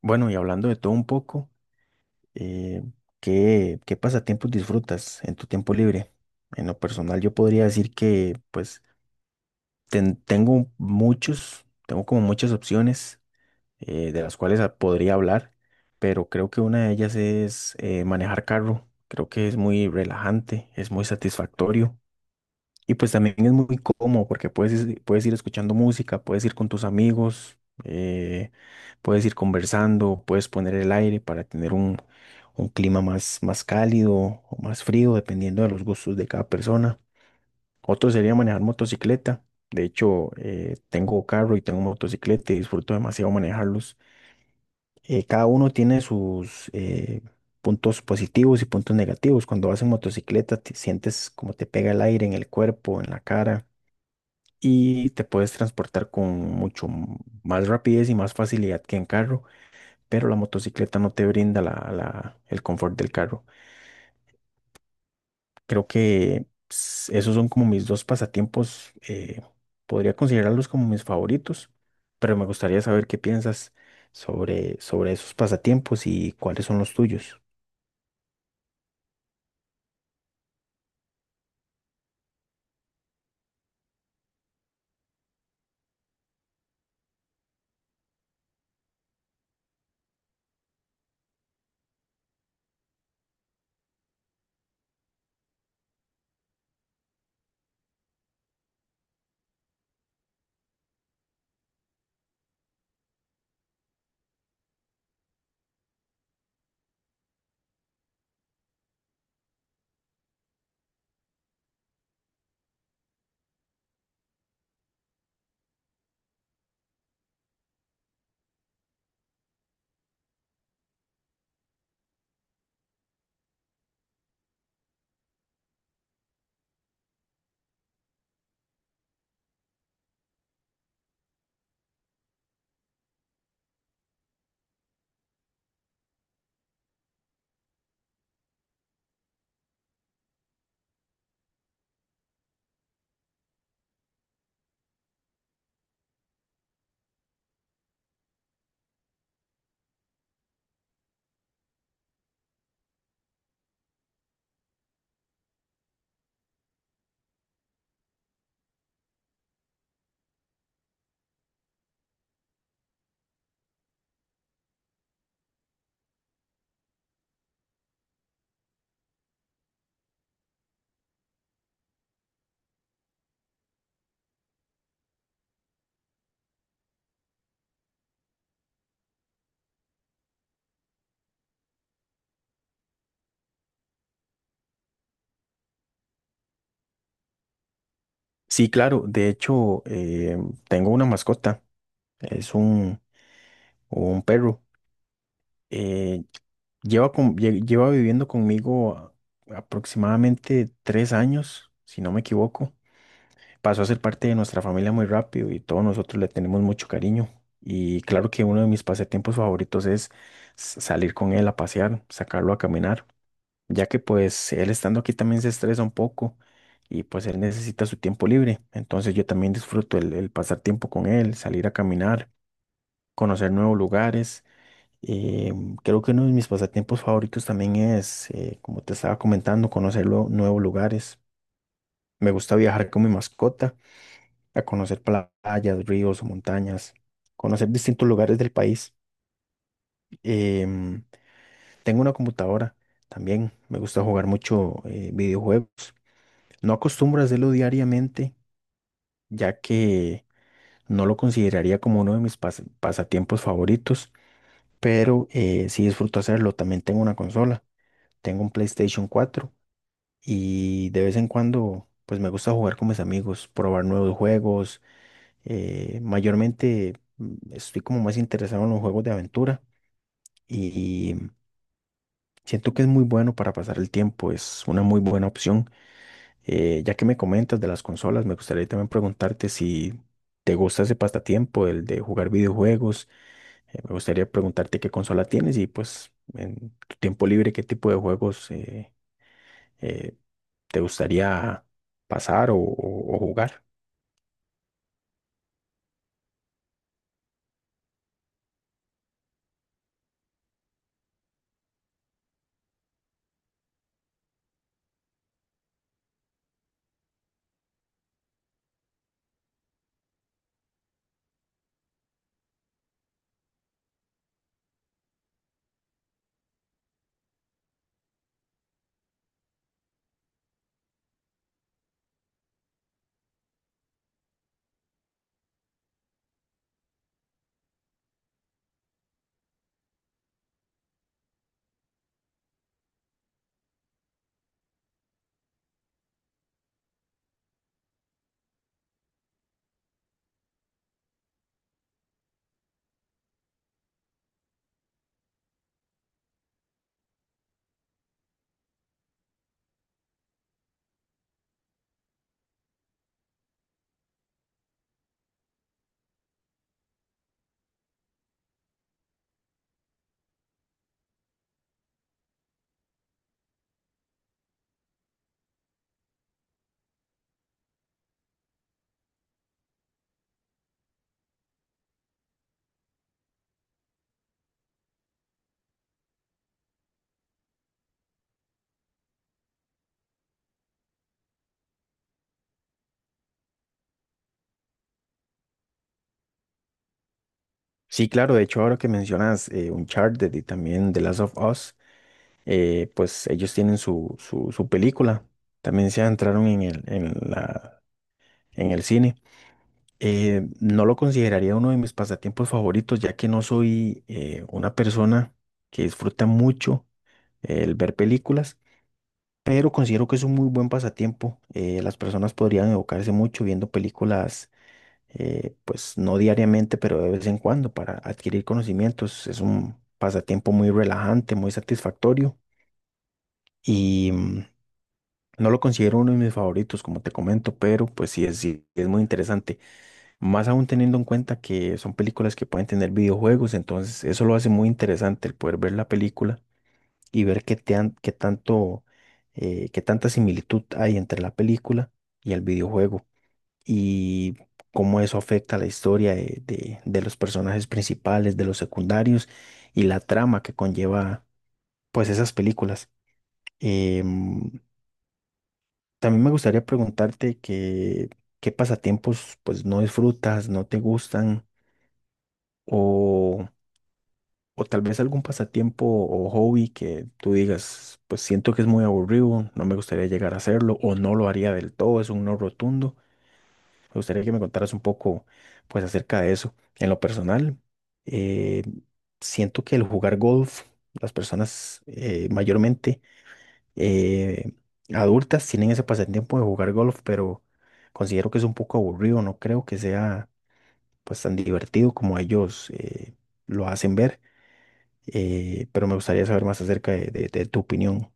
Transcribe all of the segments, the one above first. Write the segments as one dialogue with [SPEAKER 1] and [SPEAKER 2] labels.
[SPEAKER 1] Bueno, y hablando de todo un poco, eh, ¿qué pasatiempos disfrutas en tu tiempo libre? En lo personal, yo podría decir que pues tengo muchos, tengo como muchas opciones de las cuales podría hablar, pero creo que una de ellas es manejar carro. Creo que es muy relajante, es muy satisfactorio. Y pues también es muy cómodo porque puedes ir escuchando música, puedes ir con tus amigos, eh, puedes ir conversando, puedes poner el aire para tener un clima más cálido o más frío, dependiendo de los gustos de cada persona. Otro sería manejar motocicleta. De hecho, tengo carro y tengo motocicleta y disfruto demasiado manejarlos. Cada uno tiene sus puntos positivos y puntos negativos. Cuando vas en motocicleta, te sientes como te pega el aire en el cuerpo, en la cara y te puedes transportar con más rapidez y más facilidad que en carro, pero la motocicleta no te brinda el confort del carro. Creo que esos son como mis dos pasatiempos, podría considerarlos como mis favoritos, pero me gustaría saber qué piensas sobre esos pasatiempos y cuáles son los tuyos. Sí, claro, de hecho, tengo una mascota, es un perro. eh, lleva viviendo conmigo aproximadamente 3 años, si no me equivoco. Pasó a ser parte de nuestra familia muy rápido y todos nosotros le tenemos mucho cariño. Y claro que uno de mis pasatiempos favoritos es salir con él a pasear, sacarlo a caminar, ya que pues él estando aquí también se estresa un poco y pues él necesita su tiempo libre. Entonces yo también disfruto el pasar tiempo con él, salir a caminar, conocer nuevos lugares. eh, Creo que uno de mis pasatiempos favoritos también es, como te estaba comentando, conocer nuevos lugares. Me gusta viajar con mi mascota a conocer playas, ríos, montañas, conocer distintos lugares del país. Em, tengo una computadora también. Me gusta jugar mucho videojuegos. No acostumbro a hacerlo diariamente, ya que no lo consideraría como uno de mis pasatiempos favoritos, pero sí disfruto hacerlo. También tengo una consola. Tengo un PlayStation 4. Y de vez en cuando, pues me gusta jugar con mis amigos, probar nuevos juegos. Mayormente estoy como más interesado en los juegos de aventura y siento que es muy bueno para pasar el tiempo, es una muy buena opción. Ya que me comentas de las consolas, me gustaría también preguntarte si te gusta ese pasatiempo, el de jugar videojuegos. Me gustaría preguntarte qué consola tienes y pues en tu tiempo libre qué tipo de juegos eh, te gustaría pasar o jugar. Sí, claro, de hecho, ahora que mencionas Uncharted y también The Last of Us, pues ellos tienen su película. También se entraron en en el cine. No lo consideraría uno de mis pasatiempos favoritos, ya que no soy una persona que disfruta mucho el ver películas, pero considero que es un muy buen pasatiempo. Las personas podrían evocarse mucho viendo películas. Pues no diariamente, pero de vez en cuando para adquirir conocimientos. Es un pasatiempo muy relajante, muy satisfactorio y no lo considero uno de mis favoritos, como te comento, pero pues sí es muy interesante. Más aún teniendo en cuenta que son películas que pueden tener videojuegos, entonces eso lo hace muy interesante el poder ver la película y ver qué tanto, qué tanta similitud hay entre la película y el videojuego y cómo eso afecta la historia de los personajes principales, de los secundarios y la trama que conlleva pues esas películas. Em, también me gustaría preguntarte qué pasatiempos pues no disfrutas, no te gustan o, o tal vez algún pasatiempo o hobby que tú digas pues siento que es muy aburrido, no me gustaría llegar a hacerlo o no lo haría del todo, es un no rotundo. Me gustaría que me contaras un poco, pues, acerca de eso. En lo personal, eh, siento que el jugar golf, las personas mayormente eh, adultas tienen ese pasatiempo de jugar golf, pero considero que es un poco aburrido. No creo que sea, pues, tan divertido como ellos lo hacen ver. Pero me gustaría saber más acerca de, de tu opinión.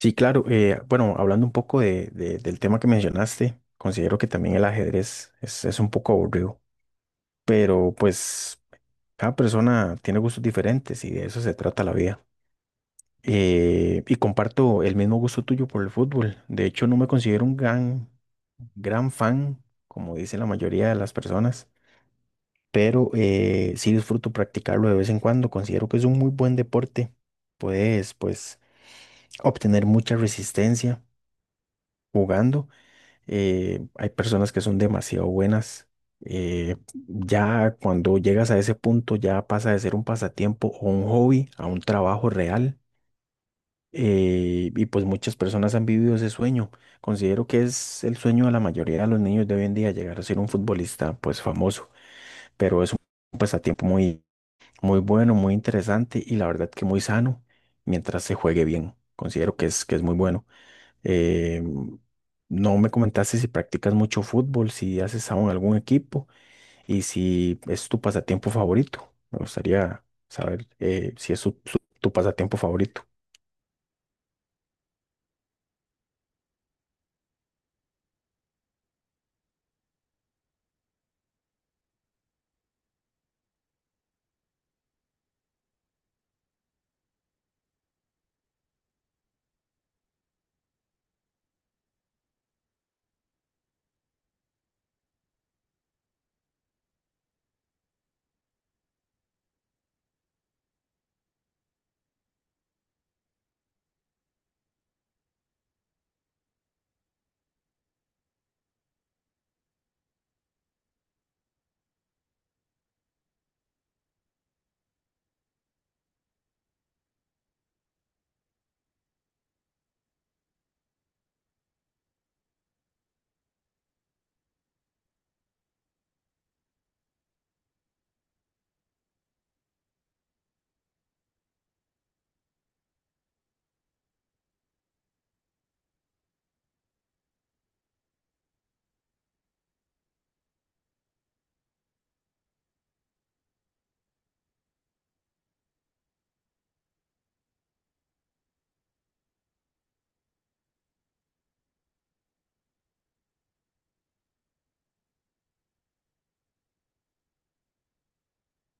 [SPEAKER 1] Sí, claro. Bueno, hablando un poco de- del tema que mencionaste, considero que también el ajedrez es un poco aburrido. Pero pues cada persona tiene gustos diferentes y de eso se trata la vida. Y comparto el mismo gusto tuyo por el fútbol. De hecho, no me considero un gran fan, como dice la mayoría de las personas, pero sí disfruto practicarlo de vez en cuando. Considero que es un muy buen deporte. Puedes, pues, obtener mucha resistencia jugando. Hay personas que son demasiado buenas. eh, ya cuando llegas a ese punto, ya pasa de ser un pasatiempo o un hobby a un trabajo real. Y pues muchas personas han vivido ese sueño. Considero que es el sueño de la mayoría de los niños de hoy en día llegar a ser un futbolista pues famoso, pero es un pasatiempo muy bueno, muy interesante y la verdad que muy sano mientras se juegue bien. Considero que que es muy bueno. Eh, no me comentaste si practicas mucho fútbol, si haces aún algún equipo y si es tu pasatiempo favorito. Me gustaría saber si es tu pasatiempo favorito.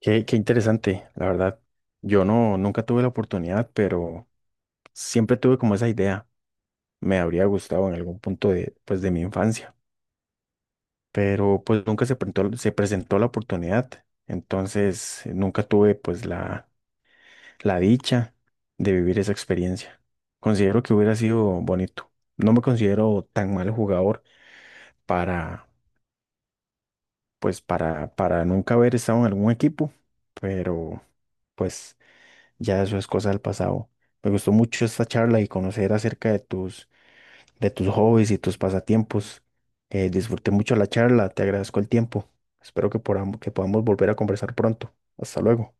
[SPEAKER 1] Qué interesante, la verdad. Yo no, nunca tuve la oportunidad, pero siempre tuve como esa idea. Me habría gustado en algún punto de, pues, de mi infancia, pero pues nunca se presentó la oportunidad. Entonces, nunca tuve pues la dicha de vivir esa experiencia. Considero que hubiera sido bonito. No me considero tan mal jugador para, pues, para nunca haber estado en algún equipo, pero pues ya eso es cosa del pasado. Me gustó mucho esta charla y conocer acerca de tus hobbies y tus pasatiempos. Disfruté mucho la charla, te agradezco el tiempo. Espero que podamos volver a conversar pronto. Hasta luego.